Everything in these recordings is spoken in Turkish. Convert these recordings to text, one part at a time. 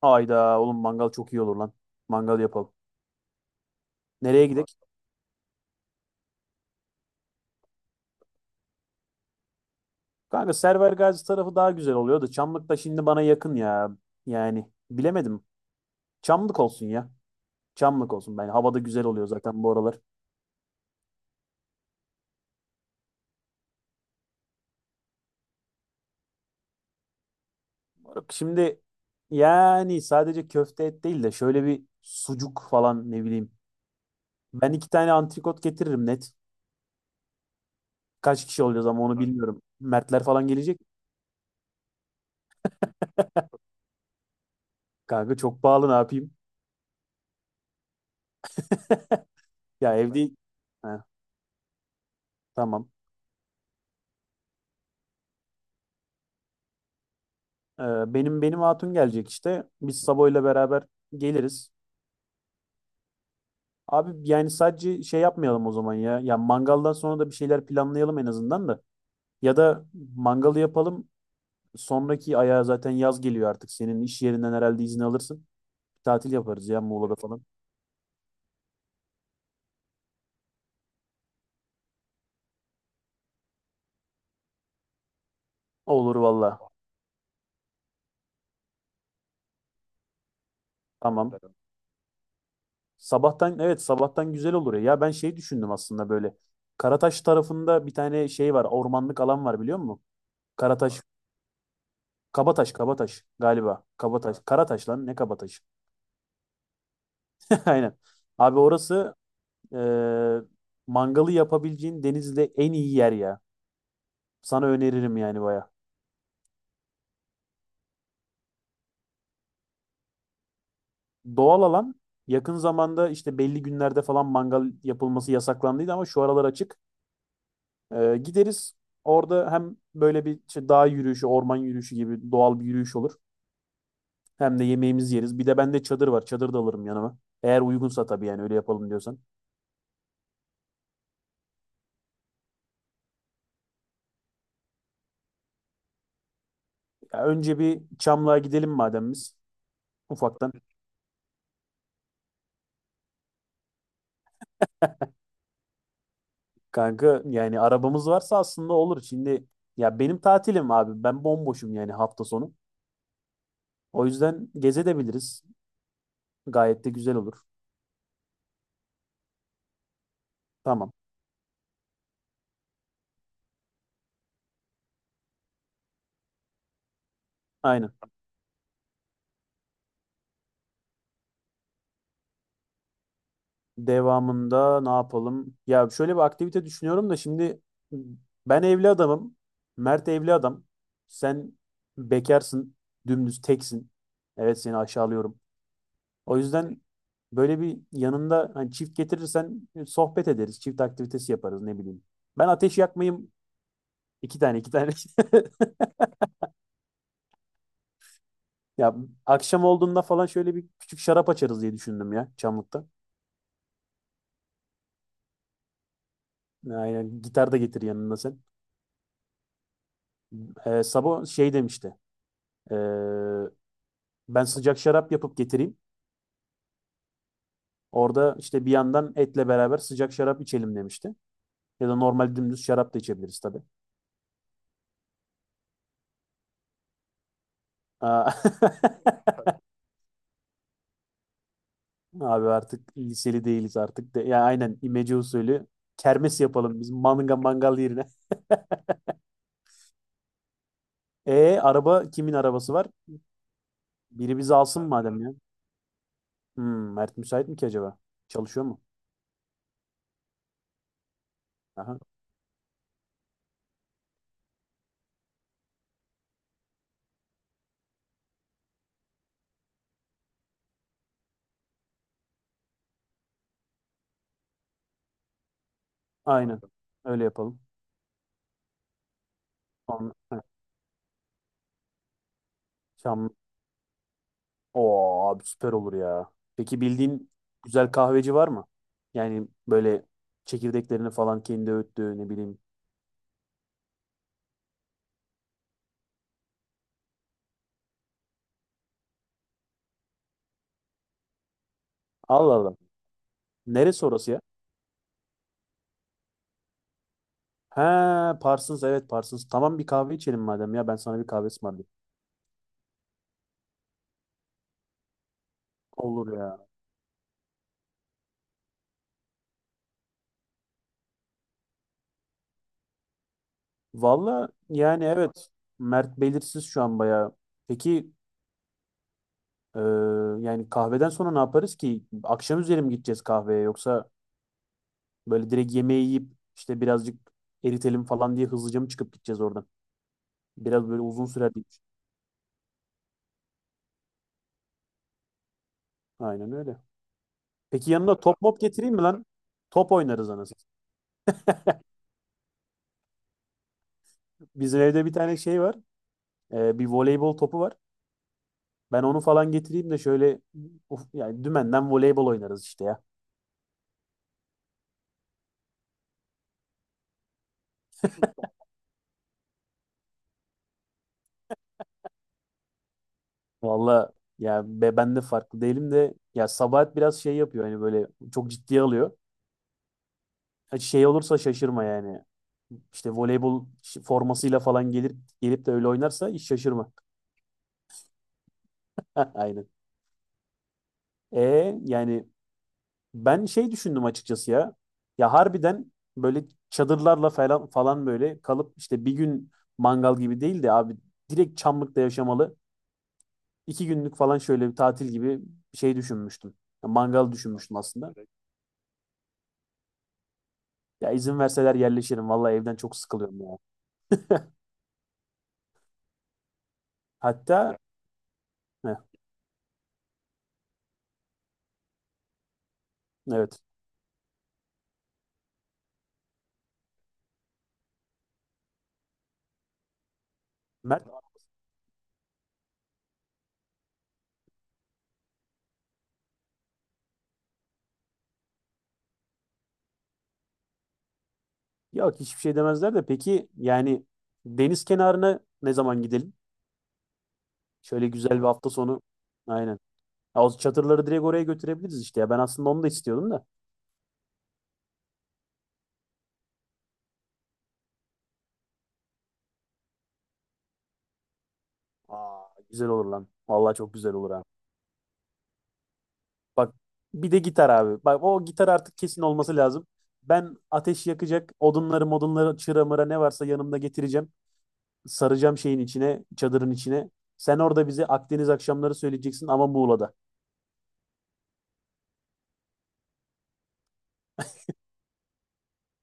Hayda oğlum mangal çok iyi olur lan. Mangal yapalım. Nereye gidek? Kanka Server Gazi tarafı daha güzel oluyor da Çamlık da şimdi bana yakın ya. Yani bilemedim. Çamlık olsun ya. Çamlık olsun. Ben havada güzel oluyor zaten bu aralar. Bak, şimdi yani sadece köfte et değil de şöyle bir sucuk falan ne bileyim. Ben iki tane antrikot getiririm net. Kaç kişi olacağız ama onu bilmiyorum. Mertler falan gelecek. Kanka çok pahalı ne yapayım? Ya evde... Heh, tamam. Benim hatun gelecek işte. Biz Sabo ile beraber geliriz. Abi yani sadece şey yapmayalım o zaman ya. Ya mangaldan sonra da bir şeyler planlayalım en azından da. Ya da mangalı yapalım. Sonraki aya zaten yaz geliyor artık. Senin iş yerinden herhalde izin alırsın. Tatil yaparız ya Muğla'da falan. Olur valla. Tamam. Sabahtan, evet, sabahtan güzel olur ya. Ya ben şey düşündüm aslında böyle. Karataş tarafında bir tane şey var. Ormanlık alan var biliyor musun? Karataş, Kabataş, Kabataş galiba. Kabataş, Karataş lan ne Kabataş? Aynen. Abi orası e, mangalı yapabileceğin Denizli'de en iyi yer ya. Sana öneririm yani baya. Doğal alan yakın zamanda işte belli günlerde falan mangal yapılması yasaklandıydı ama şu aralar açık. Gideriz orada hem böyle bir işte dağ yürüyüşü, orman yürüyüşü gibi doğal bir yürüyüş olur. Hem de yemeğimizi yeriz. Bir de bende çadır var. Çadır da alırım yanıma. Eğer uygunsa tabii yani öyle yapalım diyorsan. Ya önce bir Çamlığa gidelim madem biz. Ufaktan kanka yani arabamız varsa aslında olur. Şimdi ya benim tatilim abi. Ben bomboşum yani hafta sonu. O yüzden gezebiliriz. Gayet de güzel olur. Tamam. Aynen. Devamında ne yapalım? Ya şöyle bir aktivite düşünüyorum da şimdi ben evli adamım. Mert evli adam. Sen bekarsın. Dümdüz teksin. Evet, seni aşağılıyorum. O yüzden böyle bir yanında hani çift getirirsen sohbet ederiz. Çift aktivitesi yaparız ne bileyim. Ben ateş yakmayı. İki tane, iki tane. Ya akşam olduğunda falan şöyle bir küçük şarap açarız diye düşündüm ya Çamlık'ta. Aynen, gitar da getir yanında sen. Sabo şey demişti. Ee, Ben sıcak şarap yapıp getireyim. Orada işte bir yandan etle beraber sıcak şarap içelim demişti. Ya da normal dümdüz şarap da içebiliriz tabii. Aa, abi artık liseli değiliz artık. De, ya aynen imece usulü kermes yapalım biz mangal yerine. Araba kimin arabası var? Biri bizi alsın madem ya. Hmm, Mert müsait mi ki acaba? Çalışıyor mu? Aha. Aynen. Öyle yapalım. Tamam. Ha, Şam. Oo abi süper olur ya. Peki bildiğin güzel kahveci var mı? Yani böyle çekirdeklerini falan kendi öğüttüğü ne bileyim. Allah Allah. Neresi orası ya? Ha, Parsons, evet, Parsons. Tamam bir kahve içelim madem ya, ben sana bir kahve ısmarlayayım. Olur ya. Valla yani evet. Mert belirsiz şu an bayağı. Peki Ee, yani kahveden sonra ne yaparız ki? Akşam üzeri mi gideceğiz kahveye yoksa böyle direkt yemeği yiyip işte birazcık eritelim falan diye hızlıca mı çıkıp gideceğiz oradan? Biraz böyle uzun sürer diye düşünüyorum. Aynen öyle. Peki yanında top mop getireyim mi lan? Top oynarız anasını. Satayım. Bizim evde bir tane şey var. Bir voleybol topu var. Ben onu falan getireyim de şöyle uf, yani dümenden voleybol oynarız işte ya. Valla ya be, ben de farklı değilim de ya Sabahat biraz şey yapıyor hani böyle çok ciddiye alıyor. Ha, şey olursa şaşırma yani. İşte voleybol formasıyla falan gelip de öyle oynarsa hiç şaşırma. Heh, aynen. E yani ben şey düşündüm açıkçası ya. Ya harbiden böyle çadırlarla falan böyle kalıp işte bir gün mangal gibi değil de abi direkt Çamlık'ta yaşamalı. İki günlük falan şöyle bir tatil gibi bir şey düşünmüştüm. Ya mangal düşünmüştüm aslında. Ya izin verseler yerleşirim. Vallahi evden çok sıkılıyorum ya. Hatta heh, evet. Mert, yok hiçbir şey demezler de peki yani deniz kenarına ne zaman gidelim? Şöyle güzel bir hafta sonu. Aynen. Ya, o çadırları direkt oraya götürebiliriz işte ya. Ben aslında onu da istiyordum da. Aa, güzel olur lan. Vallahi çok güzel olur ha. Bak, bir de gitar abi. Bak o gitar artık kesin olması lazım. Ben ateş yakacak odunları modunları çıra mıra ne varsa yanımda getireceğim. Saracağım şeyin içine, çadırın içine. Sen orada bize Akdeniz akşamları söyleyeceksin ama Muğla'da.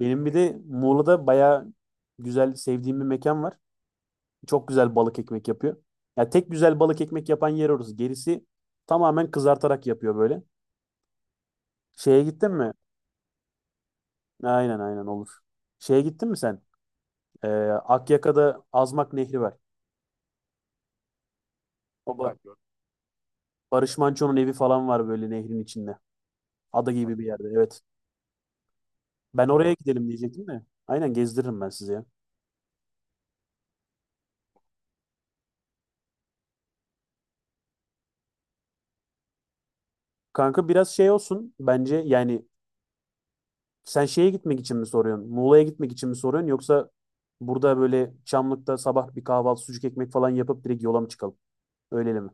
Benim bir de Muğla'da bayağı güzel sevdiğim bir mekan var. Çok güzel balık ekmek yapıyor. Ya tek güzel balık ekmek yapan yer orası. Gerisi tamamen kızartarak yapıyor böyle. Şeye gittin mi? Aynen, aynen olur. Şeye gittin mi sen? Akyaka'da Azmak Nehri var. O Ba- Barış Manço'nun evi falan var böyle nehrin içinde. Ada gibi bir yerde, evet. Ben oraya gidelim diyecektim de. Aynen gezdiririm ben sizi ya. Kanka biraz şey olsun bence yani sen şeye gitmek için mi soruyorsun? Muğla'ya gitmek için mi soruyorsun yoksa burada böyle Çamlık'ta sabah bir kahvaltı sucuk ekmek falan yapıp direkt yola mı çıkalım? Öyleli mi?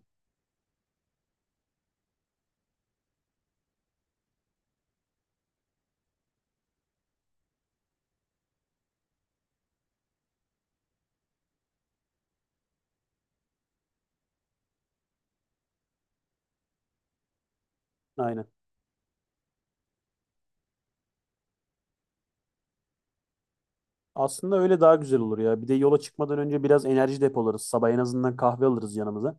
Aynen. Aslında öyle daha güzel olur ya. Bir de yola çıkmadan önce biraz enerji depolarız. Sabah en azından kahve alırız yanımıza.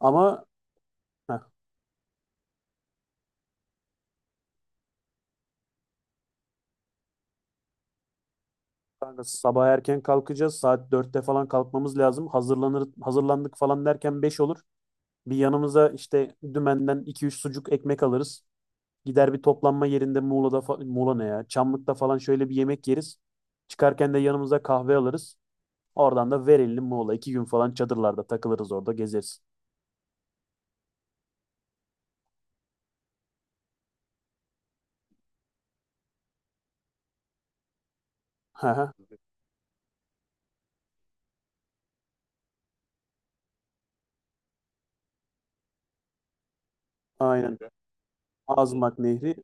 Ama heh, kanka sabah erken kalkacağız. Saat dörtte falan kalkmamız lazım. Hazırlanır, hazırlandık falan derken 5 olur. Bir yanımıza işte dümenden iki üç sucuk ekmek alırız. Gider bir toplanma yerinde Muğla'da Muğla ne ya? Çamlık'ta falan şöyle bir yemek yeriz. Çıkarken de yanımıza kahve alırız. Oradan da verelim Muğla. İki gün falan çadırlarda takılırız, orada gezeriz. Hı hı, aynen. Azmak Nehri.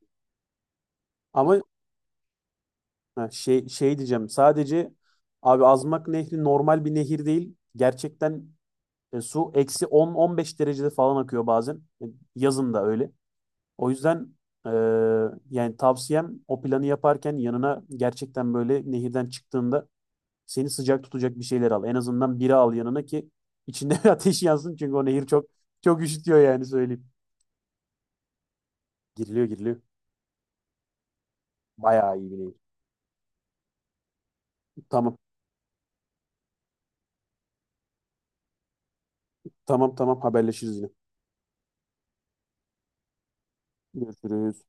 Ama ha, şey, şey diyeceğim sadece abi Azmak Nehri normal bir nehir değil. Gerçekten su eksi 10-15 derecede falan akıyor bazen. Yazın da öyle. O yüzden e, yani tavsiyem o planı yaparken yanına gerçekten böyle nehirden çıktığında seni sıcak tutacak bir şeyler al. En azından bira al yanına ki içinde ateş yansın çünkü o nehir çok çok üşütüyor yani söyleyeyim. Giriliyor, giriliyor. Bayağı iyi bir nehir. Tamam, tamam, tamam, haberleşiriz yine. Görüşürüz.